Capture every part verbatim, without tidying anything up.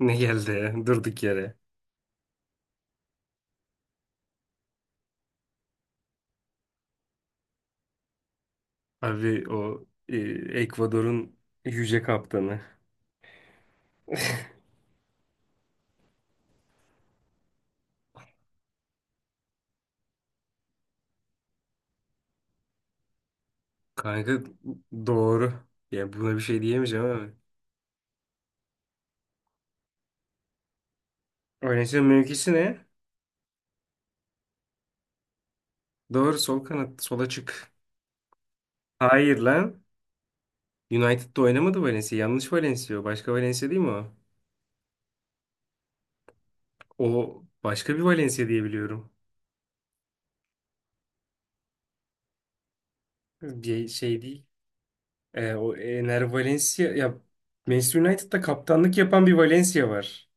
Ne geldi ya? Durduk yere. Abi o e, Ekvador'un yüce kaptanı. Kanka doğru. Ya buna bir şey diyemeyeceğim abi. Valencia'nın mevkisi ne? Doğru sol kanat sola çık. Hayır lan. United'da oynamadı Valencia. Yanlış Valencia o. Başka Valencia değil mi o? O başka bir Valencia diye biliyorum. Bir şey değil. E, o Ener Valencia ya Manchester United'da kaptanlık yapan bir Valencia var.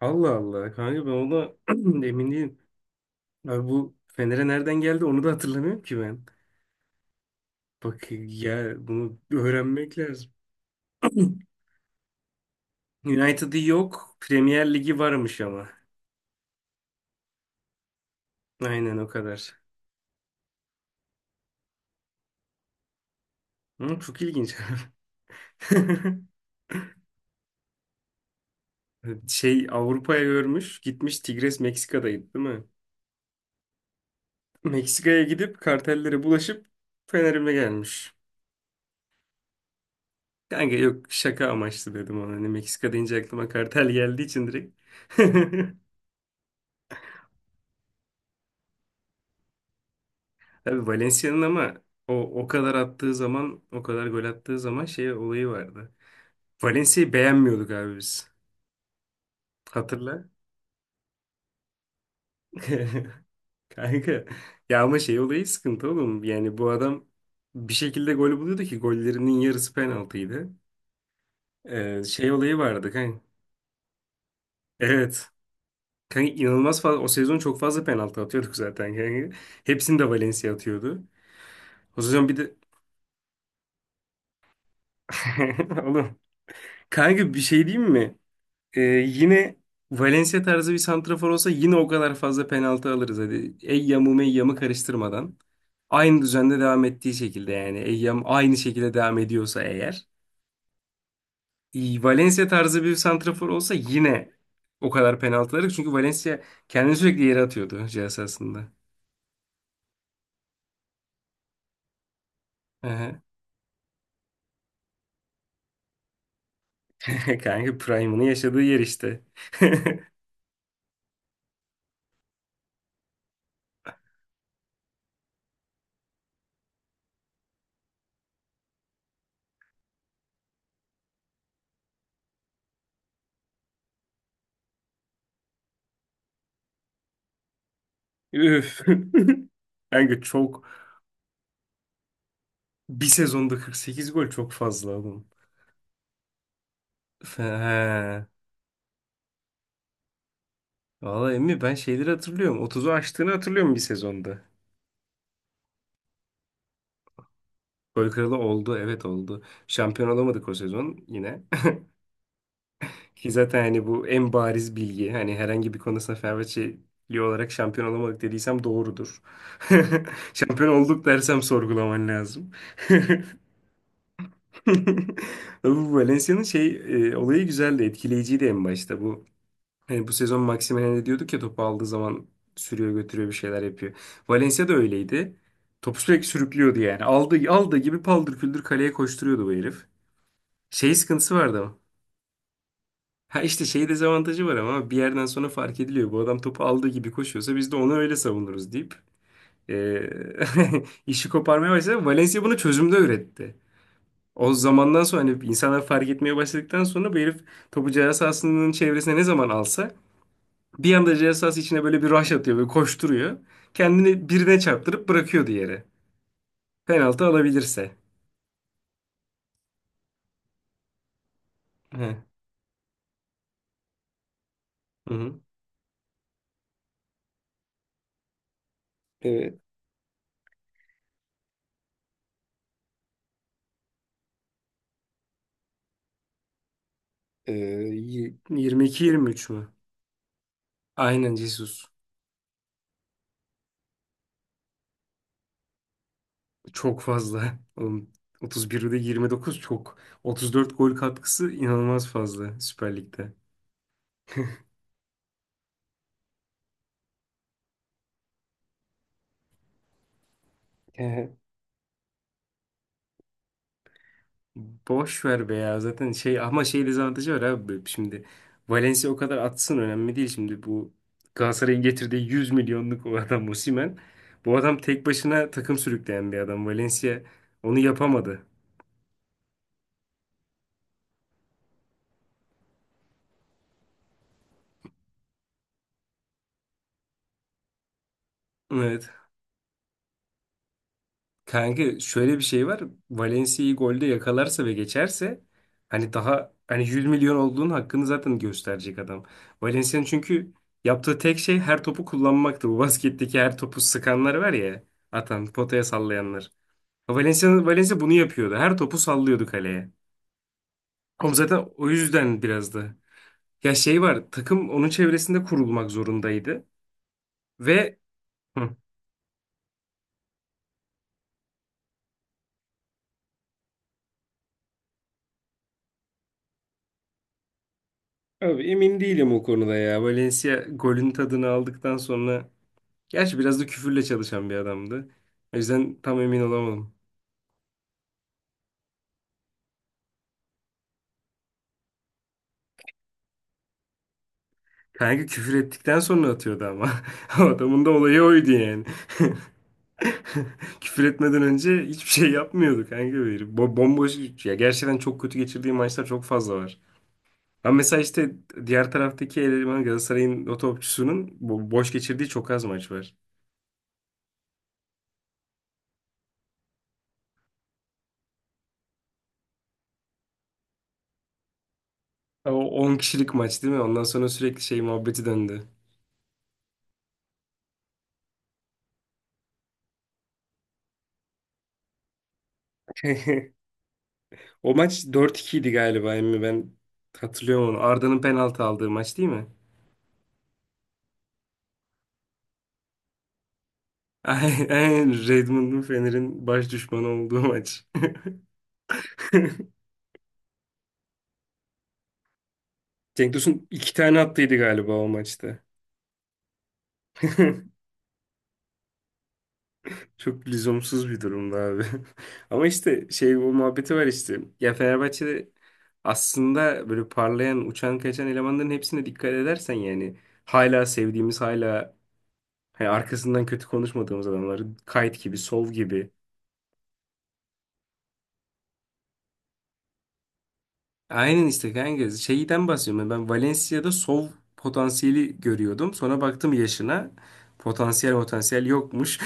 Allah Allah. Kanka ben ona emin değilim. Abi bu Fener'e nereden geldi onu da hatırlamıyorum ki ben. Bak ya bunu öğrenmek lazım. United'ı yok. Premier Ligi varmış ama. Aynen o kadar. Hı, çok ilginç. Şey Avrupa'ya görmüş. Gitmiş Tigres Meksika'daydı değil mi? Meksika'ya gidip kartellere bulaşıp Fener'ime gelmiş. Kanka yok, şaka amaçlı dedim ona. Hani Meksika deyince aklıma kartel geldiği için direkt. Tabii Valencia'nın ama o o kadar attığı zaman, o kadar gol attığı zaman şey olayı vardı. Valencia'yı beğenmiyorduk abi biz. Hatırla. Kanka. Ya ama şey olayı sıkıntı oğlum. Yani bu adam bir şekilde gol buluyordu ki gollerinin yarısı penaltıydı. Ee, şey olayı vardı kanka. Evet. Kanka inanılmaz fazla, o sezon çok fazla penaltı atıyorduk zaten kanka. Hepsini de Valencia atıyordu. O sezon bir de oğlum, kanka bir şey diyeyim mi? Ee, yine Valencia tarzı bir santrafor olsa yine o kadar fazla penaltı alırız. Hadi Eyyam'ı Meyyam'ı karıştırmadan. Aynı düzende devam ettiği şekilde, yani Eyyam aynı şekilde devam ediyorsa eğer. Ee, Valencia tarzı bir santrafor olsa yine o kadar penaltı alırız. Çünkü Valencia kendini sürekli yere atıyordu cihaz aslında. Aha. Kanka Prime'ını yaşadığı yer işte. Üf. Kanka çok, bir sezonda kırk sekiz gol çok fazla oğlum. Fe- he. Valla Emmi, ben şeyleri hatırlıyorum. otuzu aştığını hatırlıyorum bir sezonda. Gol kralı oldu. Evet, oldu. Şampiyon olamadık o sezon yine. Ki zaten hani bu en bariz bilgi. Hani herhangi bir konusunda Fenerbahçeli olarak şampiyon olamadık dediysem doğrudur. Şampiyon olduk dersem sorgulaman lazım. Bu Valencia'nın şey, e, olayı güzeldi. Etkileyiciydi en başta bu. Hani bu sezon Maximen'e diyorduk ya, topu aldığı zaman sürüyor, götürüyor, bir şeyler yapıyor. Valencia da öyleydi. Topu sürekli sürüklüyordu yani. Aldığı, aldığı gibi paldır küldür kaleye koşturuyordu bu herif. Şey sıkıntısı vardı ama. Ha işte şey dezavantajı var, ama bir yerden sonra fark ediliyor. Bu adam topu aldığı gibi koşuyorsa biz de onu öyle savunuruz deyip eee, işi koparmaya başladı. Valencia bunu çözümde üretti. O zamandan sonra, hani insanlar fark etmeye başladıktan sonra, bu herif topu ceza sahasının çevresine ne zaman alsa bir anda ceza sahası içine böyle bir rush atıyor ve koşturuyor. Kendini birine çarptırıp bırakıyordu yere. Penaltı alabilirse. He. Hı hı. Evet. Ee, y- yirmi iki yirmi üç mü? Aynen Jesus. Çok fazla. Oğlum, otuz birde yirmi dokuz çok. otuz dört gol katkısı inanılmaz fazla Süper Lig'de. Boş ver be ya, zaten şey ama şey dezavantajı var abi şimdi. Valencia o kadar atsın önemli değil şimdi. Bu Galatasaray'ın getirdiği yüz milyonluk o adam Osimhen, bu adam tek başına takım sürükleyen bir adam. Valencia onu yapamadı. Evet kanka, şöyle bir şey var: Valencia'yı golde yakalarsa ve geçerse, hani daha hani yüz milyon olduğunun hakkını zaten gösterecek adam. Valencia'nın çünkü yaptığı tek şey her topu kullanmaktı, bu basketteki her topu sıkanlar var ya, atan, potaya sallayanlar. Valencia, Valencia bunu yapıyordu. Her topu sallıyordu kaleye. Ama zaten o yüzden biraz da. Ya şey var, takım onun çevresinde kurulmak zorundaydı. Ve. Hı. Abi emin değilim o konuda ya. Valencia golün tadını aldıktan sonra... Gerçi biraz da küfürle çalışan bir adamdı. O yüzden tam emin olamadım. Kanka küfür ettikten sonra atıyordu ama. O adamın da olayı oydu yani. Küfür etmeden önce hiçbir şey yapmıyordu kanka. Böyle. Bo bomboş. Ya gerçekten çok kötü geçirdiği maçlar çok fazla var. Ama mesela işte diğer taraftaki eleman, Galatasaray'ın o topçusunun bo- boş geçirdiği çok az maç var. Ama o on kişilik maç değil mi? Ondan sonra sürekli şey muhabbeti döndü. O maç dört ikiydi idi galiba emmi, ben hatırlıyorum onu. Arda'nın penaltı aldığı maç değil mi? Aynen, Redmond'un Fener'in baş düşmanı olduğu maç. Cenk Tosun iki tane attıydı galiba o maçta. Çok lüzumsuz bir durumda abi. Ama işte şey, bu muhabbeti var işte. Ya Fenerbahçe'de aslında böyle parlayan, uçan, kaçan elemanların hepsine dikkat edersen yani, hala sevdiğimiz, hala hani arkasından kötü konuşmadığımız adamları, Kayt gibi, Sov gibi. Aynen işte kanka, şeyden bahsediyorum. Ben Valencia'da Sov potansiyeli görüyordum. Sonra baktım yaşına. Potansiyel potansiyel yokmuş.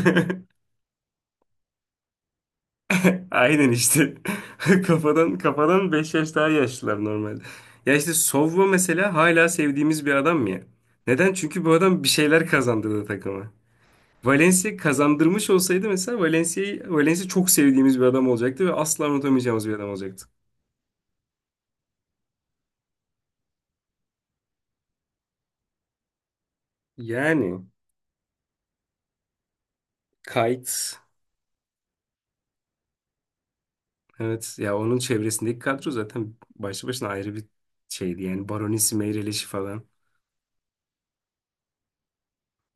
Aynen işte. Kafadan kafadan beş yaş daha yaşlılar normalde. Ya işte Sovva mesela hala sevdiğimiz bir adam ya. Neden? Çünkü bu adam bir şeyler kazandırdı takıma. Valencia kazandırmış olsaydı mesela, Valencia'yı Valencia çok sevdiğimiz bir adam olacaktı ve asla unutamayacağımız bir adam olacaktı. Yani Kite, evet ya, onun çevresindeki kadro zaten başlı başına ayrı bir şeydi, yani Baronisi, Meireles'i falan.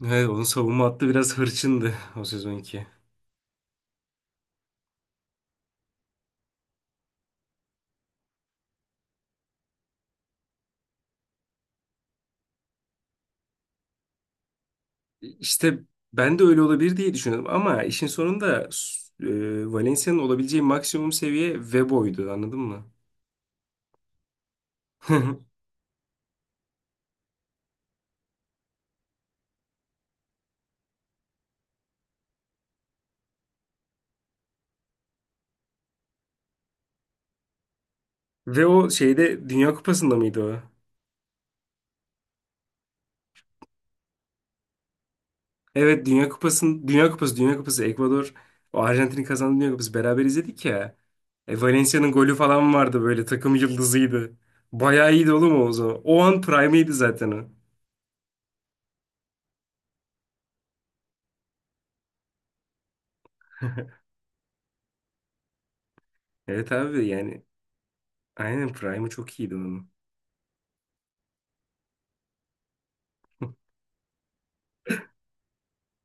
Evet, onun savunma hattı biraz hırçındı o sezonki. İşte ben de öyle olabilir diye düşünüyordum, ama işin sonunda e, Valencia'nın olabileceği maksimum seviye Vebo'ydu, anladın mı? Ve o şeyde, Dünya Kupası'nda mıydı o? Evet, Dünya Kupası'nın Dünya Kupası Dünya Kupası Ekvador, o Arjantin'in kazandığı Dünya Kupası, beraber izledik ya. E, Valencia'nın golü falan vardı, böyle takım yıldızıydı. Bayağı iyiydi oğlum o zaman. O an prime'iydi zaten o. Evet abi, yani aynen prime'ı çok iyiydi onun.